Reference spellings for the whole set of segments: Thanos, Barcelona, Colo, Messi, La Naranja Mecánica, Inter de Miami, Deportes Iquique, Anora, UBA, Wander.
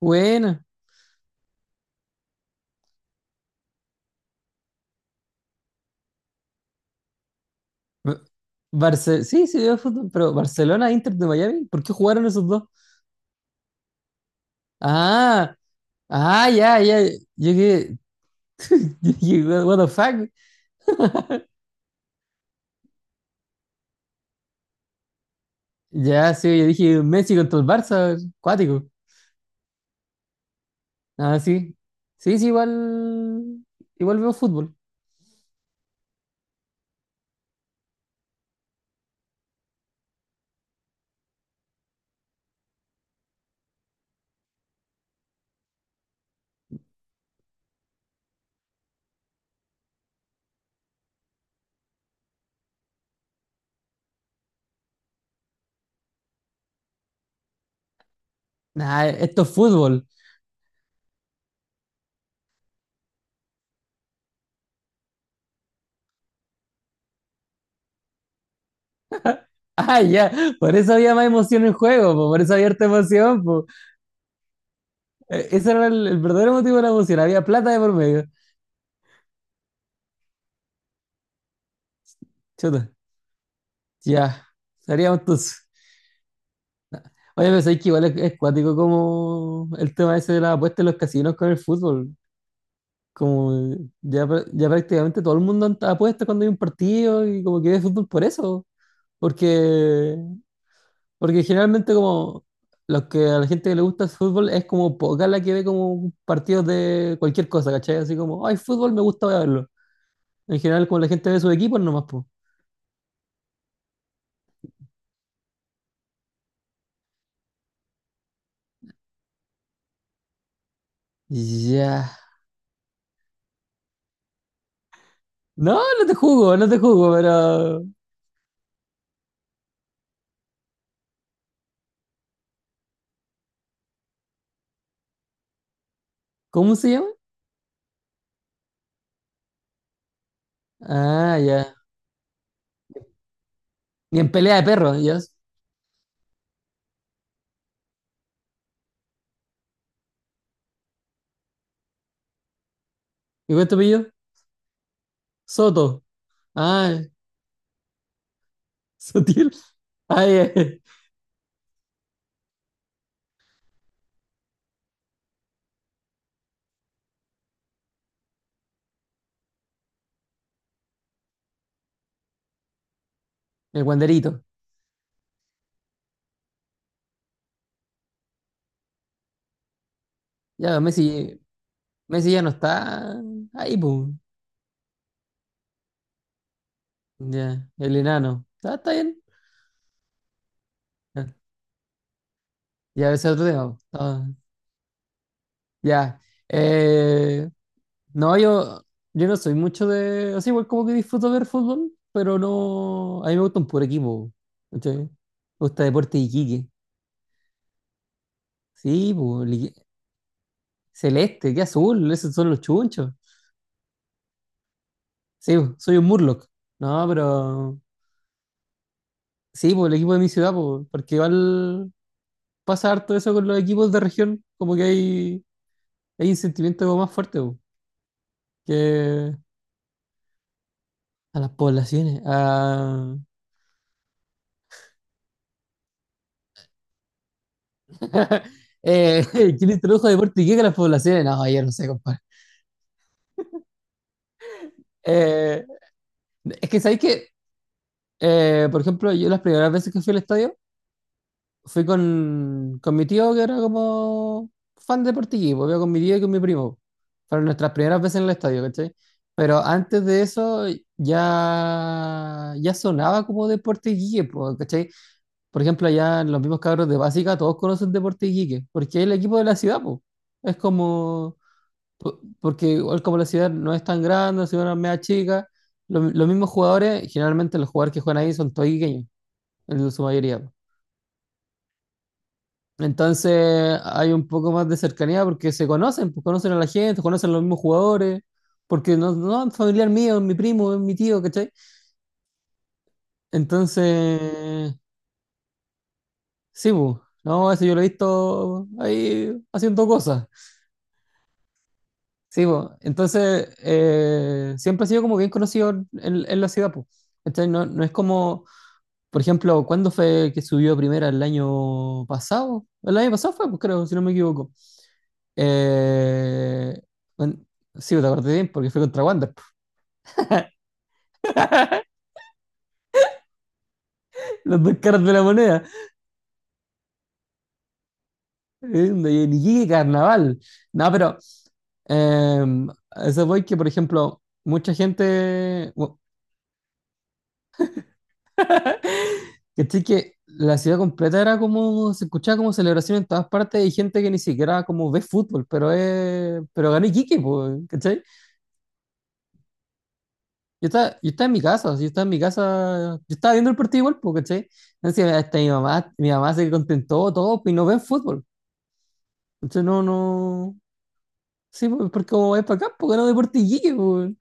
Buena. Ba- Barce sí, sí veo fútbol, pero Barcelona, Inter de Miami, ¿por qué jugaron esos dos? Ah, ah, ya. Yo que, yo que, what what the fuck? Ya, sí, yo dije Messi contra el Barça, cuático. Ah, sí. Sí, sí, igual veo fútbol. Nah, esto es fútbol. Ah, ya, por eso había más emoción en juego, po, por eso había harta emoción, po. Ese era el verdadero motivo de la emoción, había plata de por medio. Chuta, ya, estaríamos todos. Oye, pero sabéis que igual es cuático como el tema ese de la apuesta en los casinos con el fútbol. Como ya, ya prácticamente todo el mundo apuesta cuando hay un partido y como que ve fútbol por eso. Porque, porque generalmente como los que a la gente que le gusta el fútbol es como poca la que ve como partidos de cualquier cosa, ¿cachai? Así como, ay, fútbol me gusta voy a verlo. En general como la gente ve sus equipos nomás, pues. Ya. No, no te jugo, no te jugo, pero... ¿Cómo se llama? Ah, ya. Y en pelea de perros, ya. ¿Y cuál es tu apellido? Soto. Ah, Sotil. Ah, ya, ya. El guanderito. Ya, Messi, Messi ya no está ahí, pum. Ya, el enano. Ah, está bien. Ya, ya, ese es otro tema, po. Ah, ya. Eh, no, yo no soy mucho de. Así igual como que disfruto ver fútbol, pero no. A mí me gusta un puro equipo, po, ¿cachai? Me gusta Deportes Iquique. Sí, pues. Celeste, qué azul, esos son los chunchos. Sí, bu, soy un Murloc. No, pero sí, por el equipo de mi ciudad, po, porque igual pasa harto eso con los equipos de región, como que hay un sentimiento como más fuerte bu, que a las poblaciones. A... eh, ¿quién introdujo deporte y qué que las poblaciones? No, yo no sé, compadre. Eh, es que sabéis que, por ejemplo, yo las primeras veces que fui al estadio, fui con mi tío, que era como fan de Portiquí, pues iba con mi tío y con mi primo. Fueron nuestras primeras veces en el estadio, ¿cachai? Pero antes de eso ya sonaba como Deporte Iquique, pues, ¿cachai? Por ejemplo, allá en los mismos cabros de básica todos conocen Deporte Iquique, porque es el equipo de la ciudad, pues. Es como, porque igual como la ciudad no es tan grande, la ciudad no es media chica, los mismos jugadores, generalmente los jugadores que juegan ahí son todos iquiqueños, en su mayoría. Entonces hay un poco más de cercanía porque se conocen, pues conocen a la gente, conocen a los mismos jugadores, porque no, no es familiar mío, es mi primo, es mi tío, ¿cachai? Entonces, sí, pues, no, eso yo lo he visto ahí haciendo cosas, sí, pues. Entonces, siempre ha sido como bien conocido en la ciudad, pues. ¿Cachai? No, no es como, por ejemplo, ¿cuándo fue que subió a primera el año pasado? El año pasado fue, pues creo, si no me equivoco. Eh, un- sí, te acordé bien porque fue contra Wander. Los dos caras de la moneda. Eh, de Iquique, carnaval. No, pero eh, a eso voy que, por ejemplo, mucha gente, bu- que sí que la ciudad completa era como. Se escuchaba como celebración en todas partes y gente que ni siquiera como ve fútbol, pero es, pero ganó Iquique, pues, ¿cachai? Yo estaba en mi casa, yo estaba en mi casa. Yo estaba viendo el partido igual, pues, ¿cachai? Entonces, hasta mi mamá se contentó todo, pues, y no ven fútbol. Entonces no, no. Sí, pues, porque como es para acá, porque no Deporte Iquique, pues.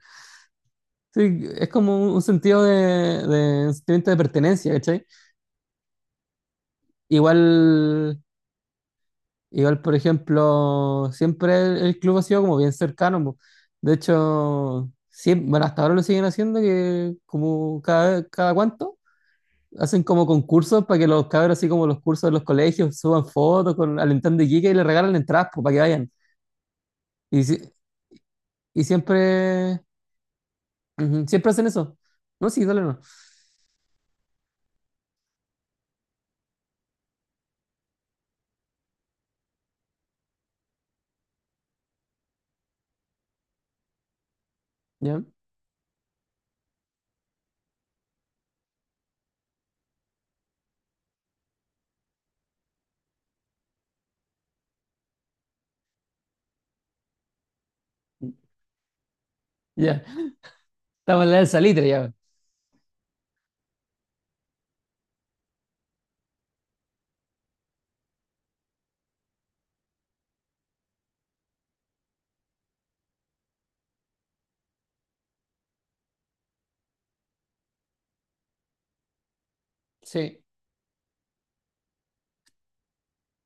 Sí, es como un sentido de sentimiento de pertenencia, ¿cachai? Igual, igual, por ejemplo, siempre el club ha sido como bien cercano, pues. De hecho, sí, bueno, hasta ahora lo siguen haciendo, que como cada, cada cuánto, hacen como concursos para que los cabros, así como los cursos de los colegios, suban fotos con alentando Iquique y le regalan entradas, pues, para que vayan. Y, y siempre, ujú, siempre hacen eso. No, sí, dale, no. Ya, ya. Estamos en la del salitre, ya. Sí,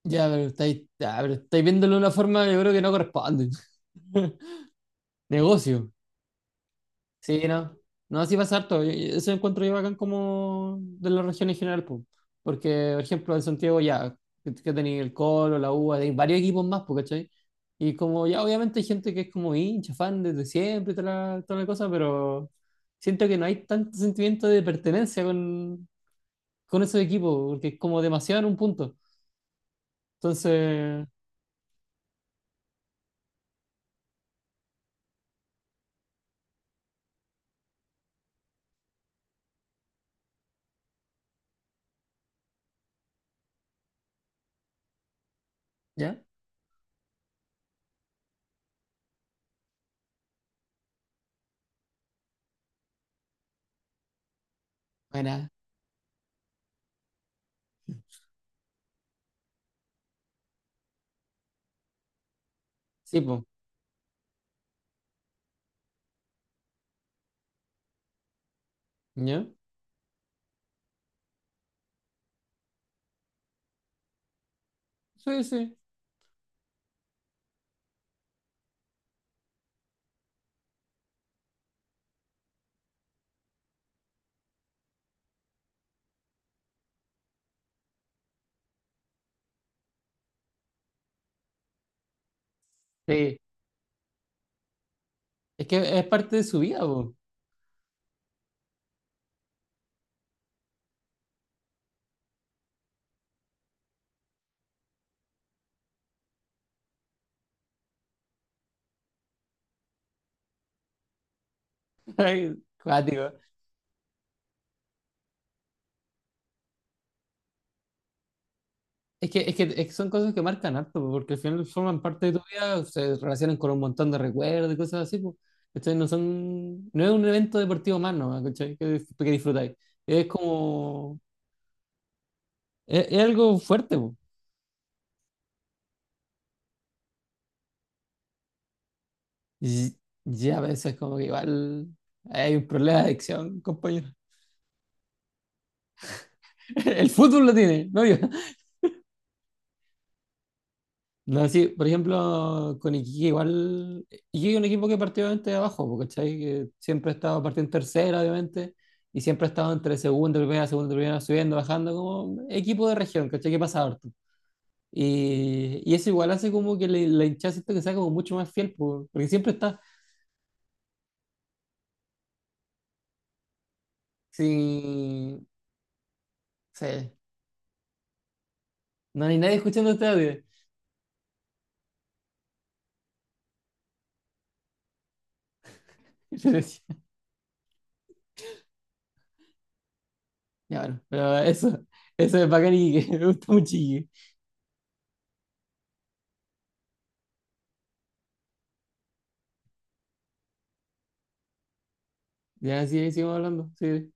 ya, pero estáis viéndolo de una forma, yo creo que no corresponde. Negocio. Sí, no. No, así pasa harto. Y- eso encuentro yo bacán como de la región en general, po. Porque, por ejemplo, en Santiago, ya, que tenéis el Colo, la UBA, tenéis varios equipos más, po, ¿cachai? Y como, ya, obviamente hay gente que es como hincha, fan desde siempre, y toda la cosa, pero siento que no hay tanto sentimiento de pertenencia con esos equipos, porque es como demasiado en un punto. Entonces, ¿ya? Bueno, sí, pues, ¿ya? Sí, sí. Sí. Es que es parte de su vida, po. Ay, cuático. Es que, es que, es que son cosas que marcan harto, po, porque al final forman parte de tu vida, se relacionan con un montón de recuerdos y cosas así, pues. No son, no es un evento deportivo más, ¿no? ¿Cachai? Que, que disfrutáis. Es como, es algo fuerte, pues. Y, y a veces como que igual hay un problema de adicción, compañero. El fútbol lo tiene, no yo. No, sí, por ejemplo, con Iquique igual. Iquique es un equipo que partió obviamente de abajo, porque ¿cachai? Que siempre ha estado partiendo en tercera, obviamente, y siempre ha estado entre segunda, y primera, subiendo, bajando, como equipo de región, ¿cachai? Que pasa harto. Y eso igual hace como que la hinchada siento que sea como mucho más fiel, po, porque siempre está sí. Sí, no hay nadie escuchando este audio. Yo decía, ya bueno, pero eso es bacán y que me gusta mucho Iquique. Ya, sí, ahí seguimos hablando, sí.